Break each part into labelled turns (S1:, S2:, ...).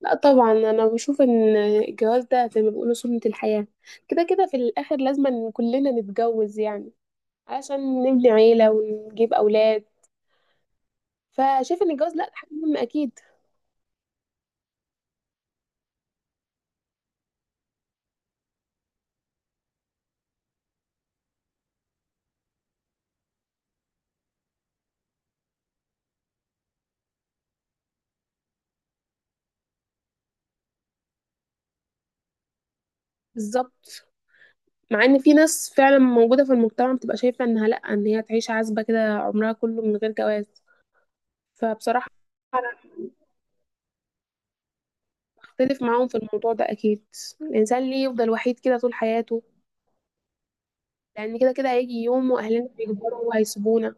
S1: لا طبعا، انا بشوف ان الجواز ده زي ما بيقولوا سنة الحياة. كده كده في الاخر لازم إن كلنا نتجوز، يعني عشان نبني عيلة ونجيب اولاد. فشايف ان الجواز لا، حاجة مهمة اكيد. بالظبط. مع ان في ناس فعلا موجودة في المجتمع بتبقى شايفة انها لا، ان هي تعيش عزبة كده عمرها كله من غير جواز. فبصراحة انا بختلف معاهم في الموضوع ده اكيد. الانسان ليه يفضل وحيد كده طول حياته؟ لان كده كده هيجي يوم واهلنا هيكبروا وهيسيبونا.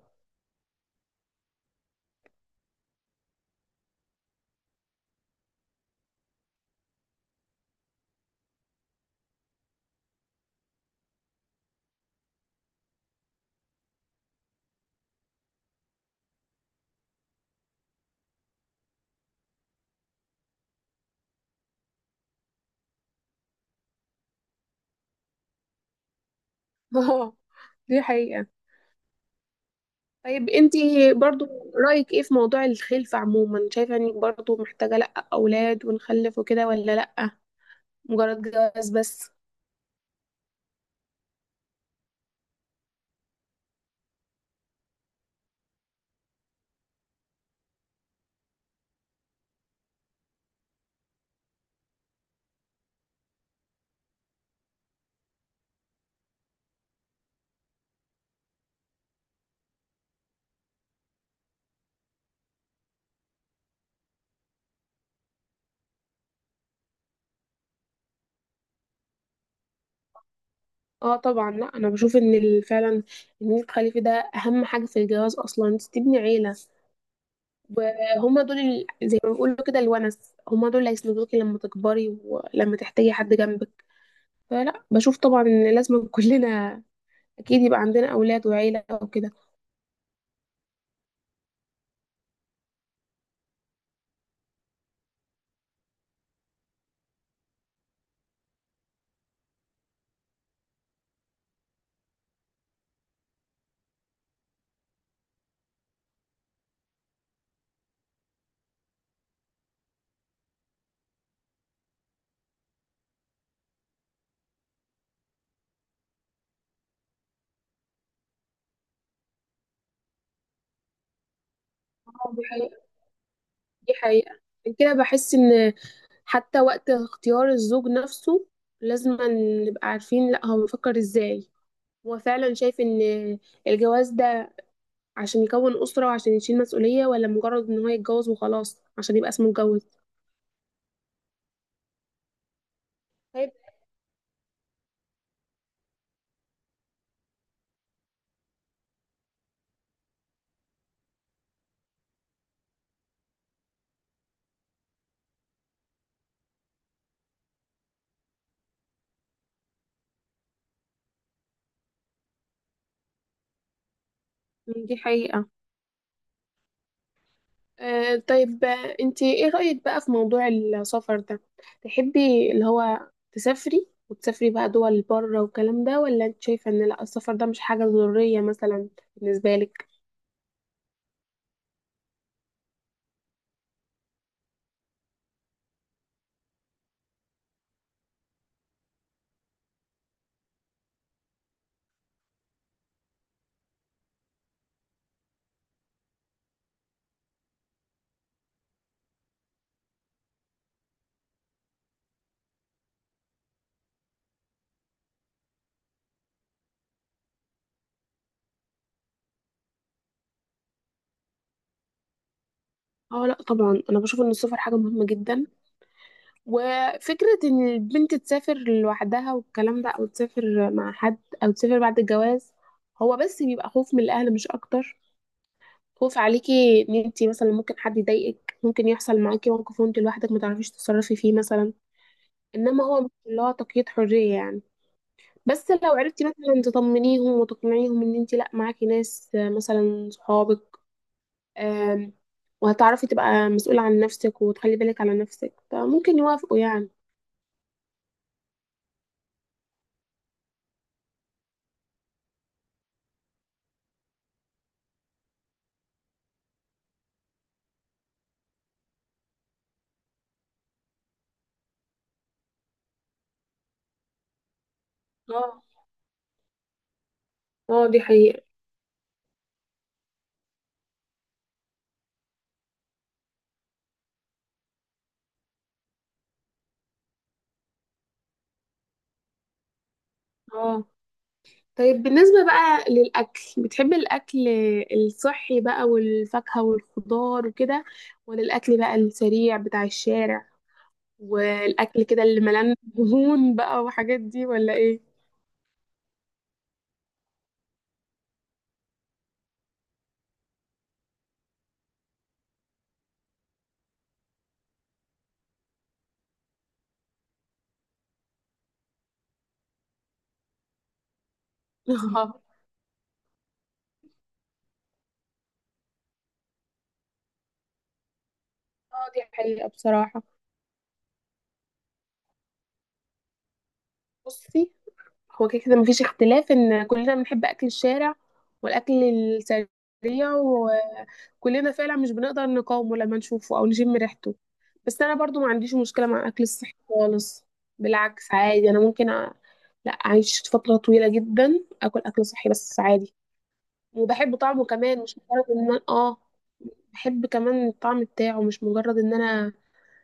S1: اه، دي حقيقة. طيب انتي برضو رأيك ايه في موضوع الخلفة عموما؟ شايفة انك برضو محتاجة لأ أولاد ونخلف وكده، ولا لأ مجرد جواز بس؟ اه طبعا لأ، انا بشوف ان فعلا ان انت تخلفي ده اهم حاجة في الجواز، اصلا انت تبني عيلة. وهما دول زي ما بيقولوا كده الونس، هما دول اللي هيسندوكي لما تكبري ولما تحتاجي حد جنبك. فلا بشوف طبعا ان لازم كلنا اكيد يبقى عندنا اولاد وعيلة وكده. اه دي حقيقة، دي حقيقة. كده بحس ان حتى وقت اختيار الزوج نفسه لازم نبقى عارفين، لا هو بيفكر ازاي؟ هو فعلا شايف ان الجواز ده عشان يكون أسرة وعشان يشيل مسؤولية، ولا مجرد ان هو يتجوز وخلاص عشان يبقى اسمه اتجوز؟ طيب. دي حقيقة. انتي ايه رأيك بقى في موضوع السفر ده؟ تحبي اللي هو تسافري وتسافري بقى دول بره والكلام ده، ولا انت شايفة ان لا السفر ده مش حاجة ضرورية مثلا بالنسبة لك؟ اه لا طبعا، انا بشوف ان السفر حاجة مهمة جدا. وفكرة إن البنت تسافر لوحدها والكلام ده، أو تسافر مع حد، أو تسافر بعد الجواز، هو بس بيبقى خوف من الأهل مش أكتر. خوف عليكي إن انتي مثلا ممكن حد يضايقك، ممكن يحصل معاكي موقف وانتي لوحدك متعرفيش تتصرفي فيه مثلا. إنما هو مش اللي هو تقييد حرية يعني. بس لو عرفتي مثلا تطمنيهم وتقنعيهم إن انتي لأ معاكي ناس، مثلا صحابك، آم، وهتعرفي تبقى مسؤولة عن نفسك وتخلي بالك على نفسك، فممكن يوافقوا يعني. اه. اه دي حقيقة. اه طيب، بالنسبة بقى للأكل، بتحب الأكل الصحي بقى والفاكهة والخضار وكده، ولا الأكل بقى السريع بتاع الشارع، والأكل كده اللي ملان دهون بقى وحاجات دي، ولا إيه؟ اه دي حقيقة بصراحة. بصي، هو كده كده مفيش اختلاف إن كلنا بنحب أكل الشارع والأكل السريع. كلنا فعلا مش بنقدر نقاومه لما نشوفه او نشم ريحته. بس انا برضو ما عنديش مشكله مع اكل الصحي خالص. بالعكس عادي، انا ممكن لا، اعيش فتره طويله جدا اكل اكل صحي بس عادي. وبحب طعمه كمان، مش مجرد ان انا بحب كمان الطعم بتاعه، مش مجرد ان انا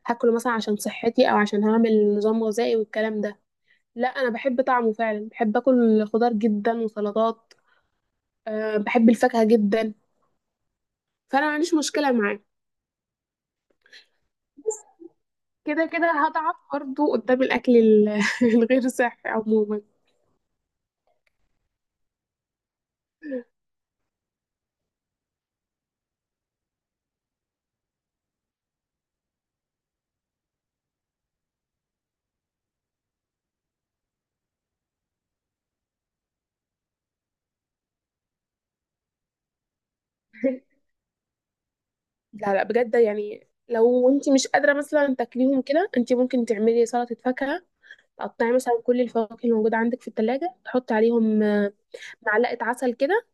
S1: هاكله مثلا عشان صحتي او عشان هعمل نظام غذائي والكلام ده. لا انا بحب طعمه فعلا، بحب اكل خضار جدا وسلطات. أه بحب الفاكهه جدا. فانا ما عنديش مشكله معاه. كده كده هضعف برضه قدام الأكل الغير صحي عموما. لا لا بجد يعني، لو انت مش قادرة مثلا تاكليهم كده، انت ممكن تعملي سلطة فاكهة. تقطعي مثلا كل الفواكه الموجودة عندك في التلاجة، تحطي عليهم معلقة عسل كده.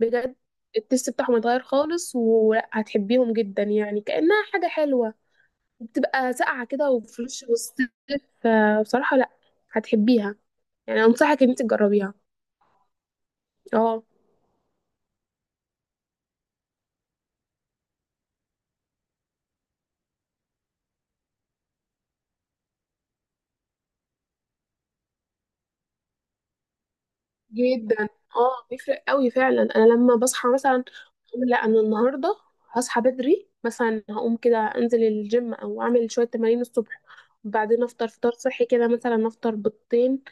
S1: بجد التست بتاعهم يتغير خالص وهتحبيهم جدا، يعني كأنها حاجة حلوة بتبقى ساقعة كده وفريش وسط. فبصراحة لا، هتحبيها. يعني أنصحك إن انت تجربيها. اه جدا. اه بيفرق قوي فعلا. انا لما بصحى مثلا أقول لا انا النهارده هصحى بدري مثلا، هقوم كده انزل الجيم او اعمل شويه تمارين الصبح، وبعدين افطر فطار صحي كده، مثلا افطر بيضتين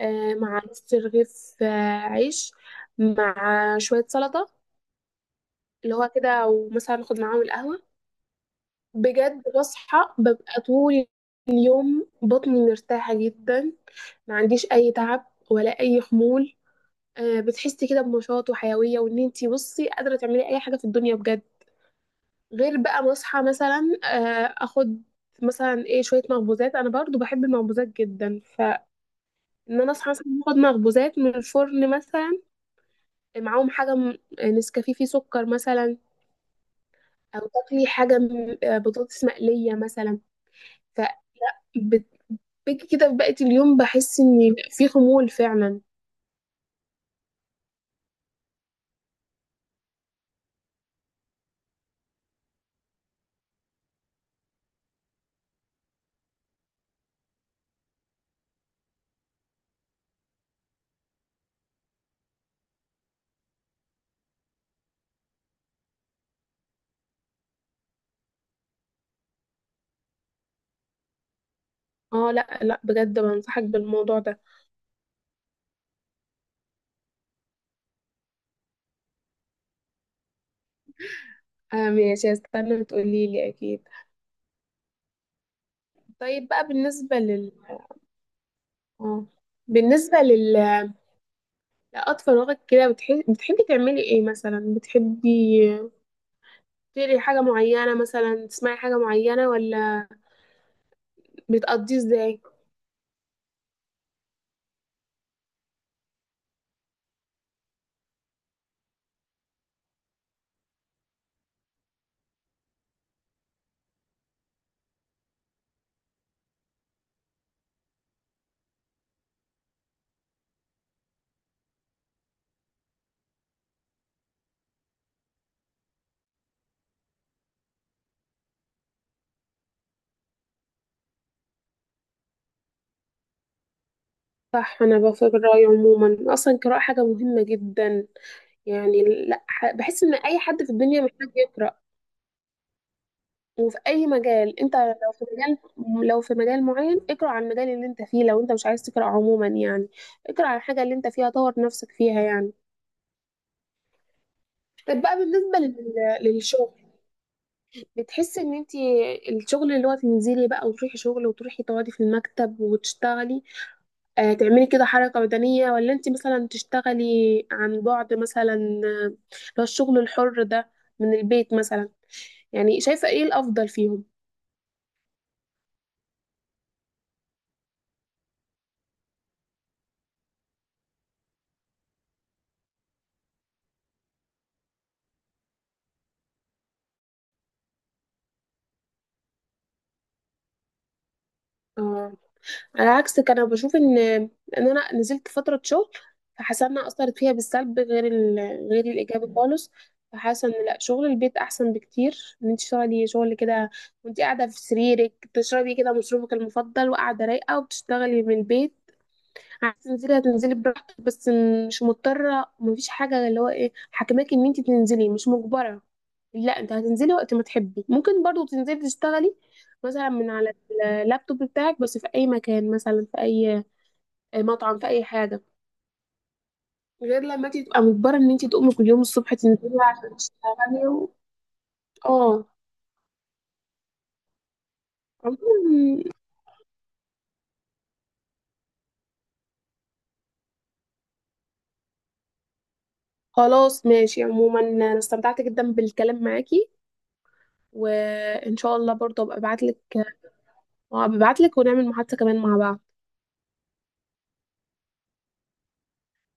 S1: مع نص رغيف عيش، مع شويه سلطه اللي هو كده، ومثلا اخد معاهم القهوه. بجد بصحى، ببقى طول اليوم بطني مرتاحه جدا، ما عنديش اي تعب ولا اي خمول. بتحسي كده بنشاط وحيوية، وان انتي بصي قادرة تعملي اي حاجة في الدنيا بجد. غير بقى ما اصحى مثلا اخد مثلا ايه شوية مخبوزات، انا برضو بحب المخبوزات جدا، فان انا اصحى مثلا اخد مخبوزات من الفرن مثلا، معاهم حاجة نسكافيه فيه سكر مثلا، او تاكلي حاجة بطاطس مقلية مثلا. فبتبقي كده في بقية اليوم بحس ان في خمول فعلا. اه لا لا بجد، بنصحك بالموضوع ده. آه ماشي، هستنى تقولي لي اكيد. طيب بقى بالنسبة لل اه بالنسبة لل- لأطفال، وقت كده بتحبي تعملي ايه مثلا؟ بتحبي تقري حاجة معينة مثلا، تسمعي حاجة معينة، ولا بتقضيه ازاي؟ صح، انا بفكر رأيي عموما اصلا القراءة حاجة مهمة جدا. يعني لا بحس ان اي حد في الدنيا محتاج يقرأ. وفي اي مجال انت، لو في مجال، لو في مجال معين اقرأ عن المجال اللي انت فيه. لو انت مش عايز تقرأ عموما يعني، اقرأ عن الحاجة اللي انت فيها، طور نفسك فيها يعني. طب بقى بالنسبة للشغل، بتحسي ان انت الشغل اللي هو تنزلي بقى وتروحي شغل وتروحي تقعدي في المكتب وتشتغلي، آه تعملي كده حركة بدنية، ولا انت مثلا تشتغلي عن بعد مثلا، اللي هو الشغل الحر ده، من البيت مثلا؟ يعني شايفة ايه الأفضل فيهم؟ آه. على عكس كان أنا بشوف ان ان انا نزلت فتره شغل، فحاسه انها اثرت فيها بالسلب غير غير الايجابي خالص. فحاسه ان لا، شغل البيت احسن بكتير. ان انت تشتغلي شغل كده وانت قاعده في سريرك، تشربي كده مشروبك المفضل وقاعده رايقه وبتشتغلي من البيت. هتنزلي براحتك، بس مش مضطرة، مفيش حاجة اللي هو ايه حاكماكي ان انت تنزلي، مش مجبرة. لا انت هتنزلي وقت ما تحبي. ممكن برضو تنزلي تشتغلي مثلا من على اللابتوب بتاعك بس في اي مكان، مثلا في اي مطعم، في اي حاجة. غير لما انت تبقى مجبرة ان انت تقومي كل يوم الصبح تنزلي عشان تشتغلي اه. عموماً، خلاص ماشي. عموما انا استمتعت جدا بالكلام معاكي. وان شاء الله برضو ابقى ابعتلك ونعمل محادثة كمان مع بعض.